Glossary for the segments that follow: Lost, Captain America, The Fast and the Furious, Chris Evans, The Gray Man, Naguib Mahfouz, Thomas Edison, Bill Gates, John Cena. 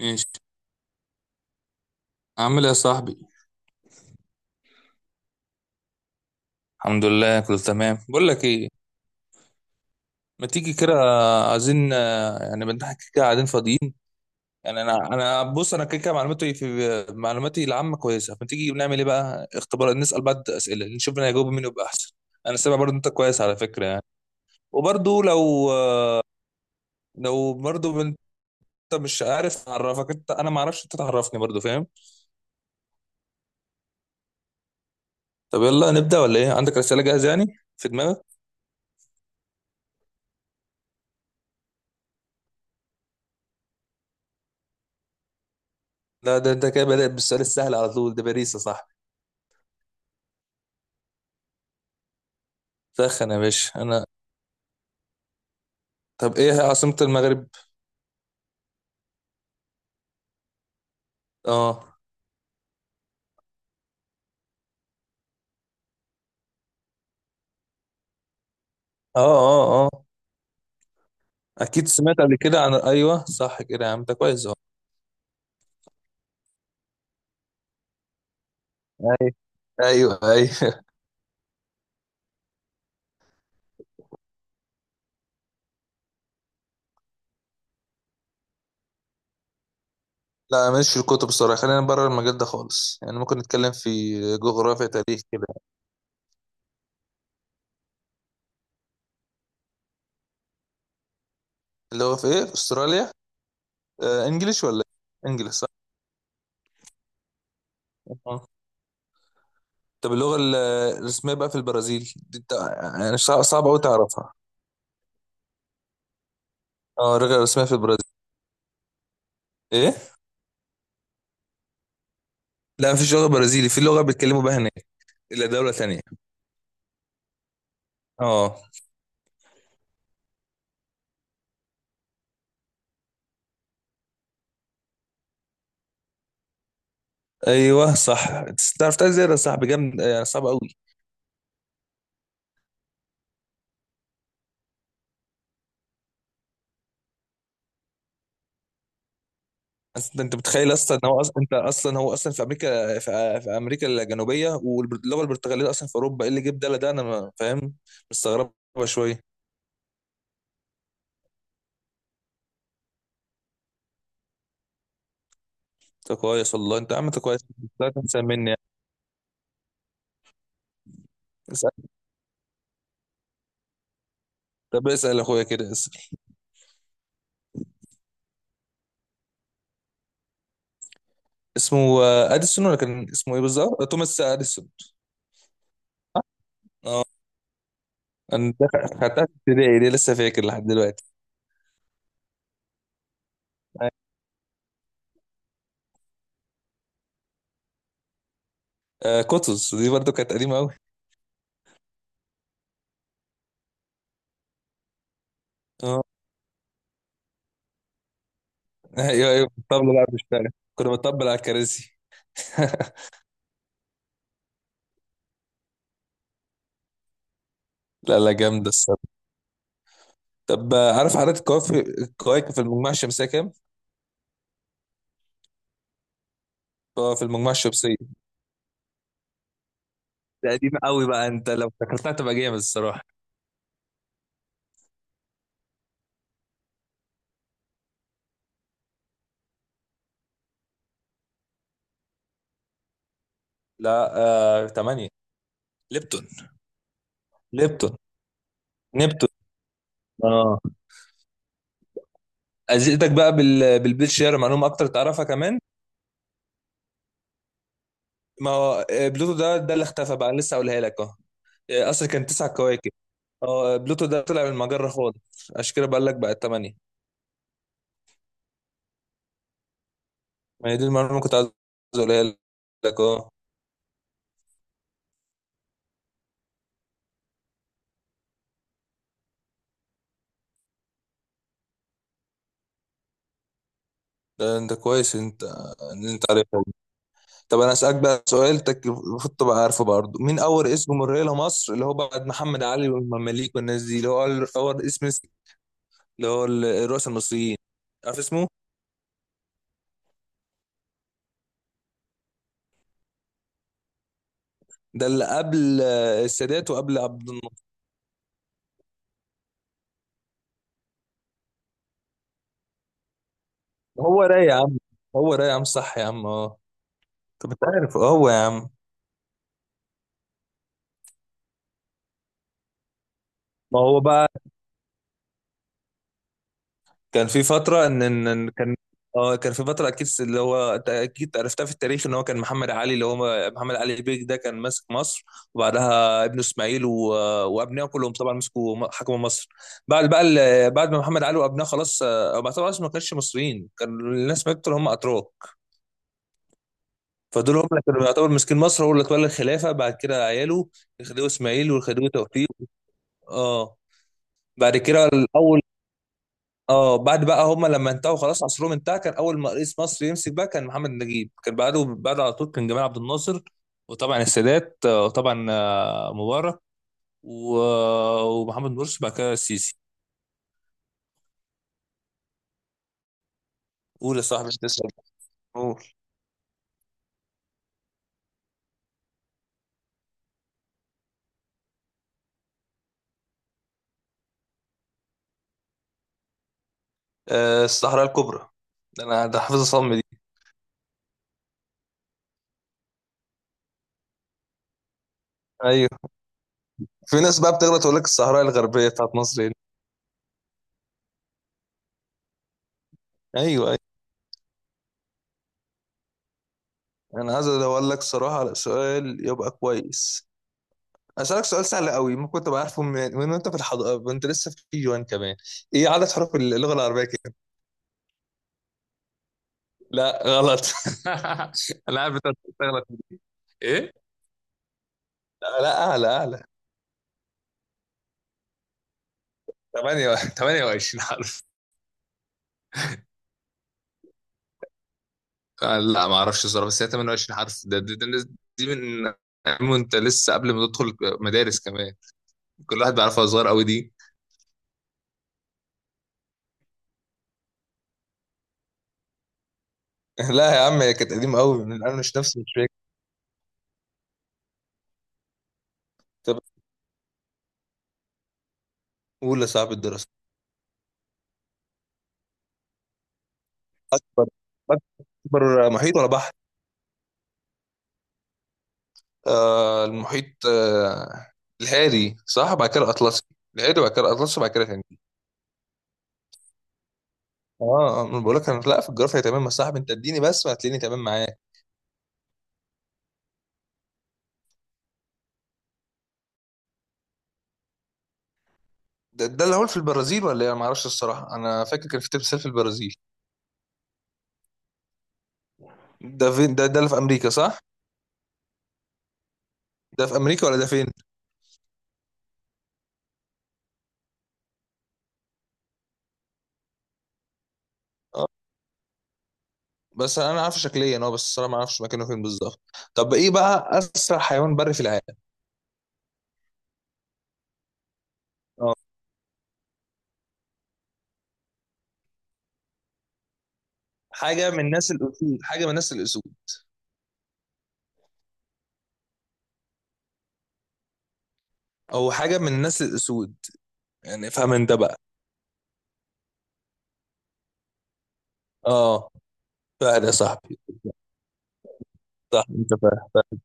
ماشي. عامل ايه يا صاحبي؟ الحمد لله، كله تمام. بقول لك ايه. ما تيجي كده؟ عايزين، يعني بنضحك كده قاعدين فاضيين. يعني انا بص، انا كده كده معلوماتي في معلوماتي العامه كويسه، فما تيجي بنعمل ايه بقى اختبار، نسال بعض اسئله نشوف مين هيجاوب، مين يبقى احسن. انا سامع برضه انت كويس على فكره يعني. وبرضه لو برضه انت... مش عارف اعرفك، انت انا ما اعرفش انت تعرفني برضه، فاهم. طب يلا نبدا ولا ايه؟ عندك رساله جاهزه يعني في دماغك؟ لا، ده انت كده بدأت بالسؤال السهل على طول، ده باريس يا صاحبي. سخن يا باشا، انا... طب ايه هي عاصمة المغرب؟ اه. اه. اه. اه، اكيد سمعت قبل كده عن... ايوه صح كده يا عم، ده كويس اهو. ايوه. ايوه، ايوه. لا، ماليش في الكتب الصراحه، خلينا بره المجال ده خالص. يعني ممكن نتكلم في جغرافيا، تاريخ كده. اللغه في ايه في استراليا؟ آه، انجليش ولا إيه؟ انجليش صح. آه. طب اللغه الرسميه بقى في البرازيل دي، انت يعني صعب قوي تعرفها. اه، اللغه الرسميه في البرازيل ايه؟ لا، مفيش لغه برازيلي، في لغه بيتكلموا بها هناك الا دوله تانية. اه. ايوه صح. تعرف تعرف زياده يا صاحبي، جامد، يعني صعب قوي. أصل انت متخيل اصلا ان هو اصلا، انت اصلا هو اصلا في امريكا، في امريكا الجنوبيه، واللغه البرتغاليه اصلا في اوروبا، ايه اللي جاب ده؟ انا فاهم. مستغربه شويه. انت كويس والله، انت يا عم انت كويس. لا تنسى مني يعني. اسال، طب اسال اخويا كده، اسال. اسمه اديسون، ولا كان اسمه ايه بالظبط؟ توماس اديسون. انا ده خدتها في ابتدائي، دي لسه فاكر لحد دلوقتي. آه، كتز دي برضو كانت قديمه قوي. اه. ايوه، ايوه الطبله بقى بتشتغل. كنا بنطبل على الكراسي. لا لا، جامدة الصراحة. طب، عارف عدد الكواكب في المجموعة الشمسية كام؟ في المجموعة الشمسية. ده قديم قوي بقى، انت لو فكرتها تبقى جامد الصراحة. لا. تمانية. ليبتون ليبتون. نبتون. اه. ازيدك بقى بالبيت شير معلومة اكتر تعرفها كمان. ما هو بلوتو ده اللي اختفى بقى، أنا لسه هقولها لك اهو. اصل كان تسع كواكب. اه، بلوتو ده طلع من المجرة خالص، عشان كده بقول لك بقى تمانية. ما هي دي المعلومة اللي كنت عايز اقولها لك. اه، ده انت كويس انت، ان انت عارف والله. طب انا اسالك بقى سؤال المفروض تبقى عارفه برضه، مين اول اسم مريه لمصر، اللي هو بعد محمد علي والمماليك والناس دي، اللي هو اول أول اسم مصري، اللي هو الرؤساء المصريين، عارف اسمه؟ ده اللي قبل السادات وقبل عبد الناصر. هو راي يا عم، هو راي يا عم، صح يا عم، اه. طب انت عارف هو يا عم؟ ما هو بقى، كان في فترة، إن كان... اه كان في فترة أكيد اللي هو أنت أكيد عرفتها في التاريخ، إن هو كان محمد علي، اللي هو محمد علي بيك ده كان ماسك مصر، وبعدها ابنه إسماعيل و... وأبنائه كلهم طبعا مسكوا، حكموا مصر. بعد بقى بعد ما محمد علي وأبنائه خلاص، بعد طبعا ما كانش مصريين، كان الناس ماتوا اللي هم أتراك. فدول هم اللي كانوا يعتبر ماسكين مصر، هو اللي اتولى الخلافة بعد كده عياله، الخديوي إسماعيل والخديوي توفيق. اه. بعد كده الأول. اه، بعد بقى هم لما انتهوا خلاص عصرهم انتهى، كان اول ما رئيس مصر يمسك بقى كان محمد نجيب، كان بعده بعد على طول كان جمال عبد الناصر، وطبعا السادات، وطبعا مبارك، ومحمد مرسي، بعد كده السيسي. قول يا صاحبي، انت اسال. قول. الصحراء الكبرى، ده انا ده حافظ صم دي. ايوه في ناس بقى بتغلط تقول لك الصحراء الغربيه بتاعت مصر هنا. ايوه، ايوه. انا عايز ادور لك صراحه على سؤال يبقى كويس. أسألك سؤال سهل قوي، ممكن تبقى عارفه من وأنت في الحضانة، وأنت لسه في كي جي 1 كمان. إيه عدد حروف اللغة العربية كده؟ لا غلط. أنا عارف أنت بتغلط. ايه. لا لا، أعلى، أعلى. 8 28 حرف. لا ما اعرفش الصراحه، بس هي 28 حرف. ده دي من وانت لسه قبل ما تدخل مدارس كمان، كل واحد بيعرفها، صغير قوي دي. لا يا عم هي كانت قديمة قوي، من أنا مش نفسي مش فاكر. طب قول يا صاحب الدراسة. بر- محيط ولا بحر؟ آه، المحيط. آه، الهادي صح، بعد كده الاطلسي. الهادي بعد كده الاطلسي بعد كده هندي. اه، انا بقول لك، انا لا في الجغرافيا تمام يا صاحبي، انت اديني بس وهتلاقيني تمام معاك. ده اللي هو في البرازيل ولا ايه؟ انا ما اعرفش الصراحه، انا فاكر كان في تمثال في البرازيل. ده فين ده اللي في امريكا صح. ده في امريكا ولا ده فين؟ اه، بس انا عارف شكليا، اه بس الصراحه ما اعرفش مكانه فين بالظبط. طب ايه بقى اسرع حيوان بري في العالم؟ اه، حاجه من نسل الاسود، حاجه من نسل الاسود، او حاجه من نسل الاسود، يعني افهم انت بقى. اه. فعلا يا صاحبي، صح، انت فاهم فاهم.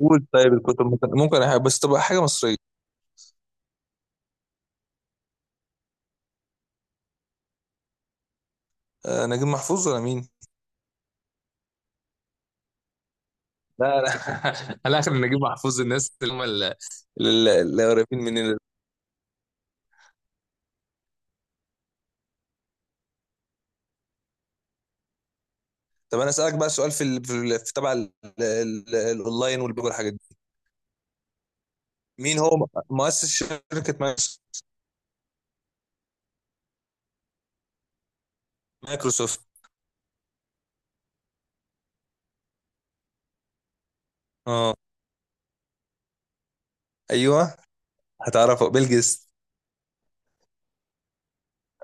قول. طيب الكتب ممكن، ممكن أحب، بس تبقى حاجه مصريه. آه، نجيب محفوظ ولا مين؟ لا لا، على اخر نجيب محفوظ، الناس اللي هم اللي قريبين مننا. طب انا اسالك بقى سؤال في في تبع ال- الاونلاين والبيج والحاجات دي. مين هو مؤسس شركه مايكروسوفت؟ اه. ايوه هتعرفه، بيل جيتس.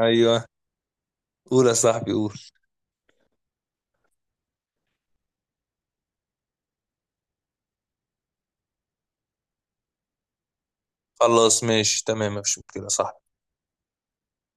ايوه. قول يا صاحبي، قول. خلاص ماشي، تمام، مفيش مشكله. صح.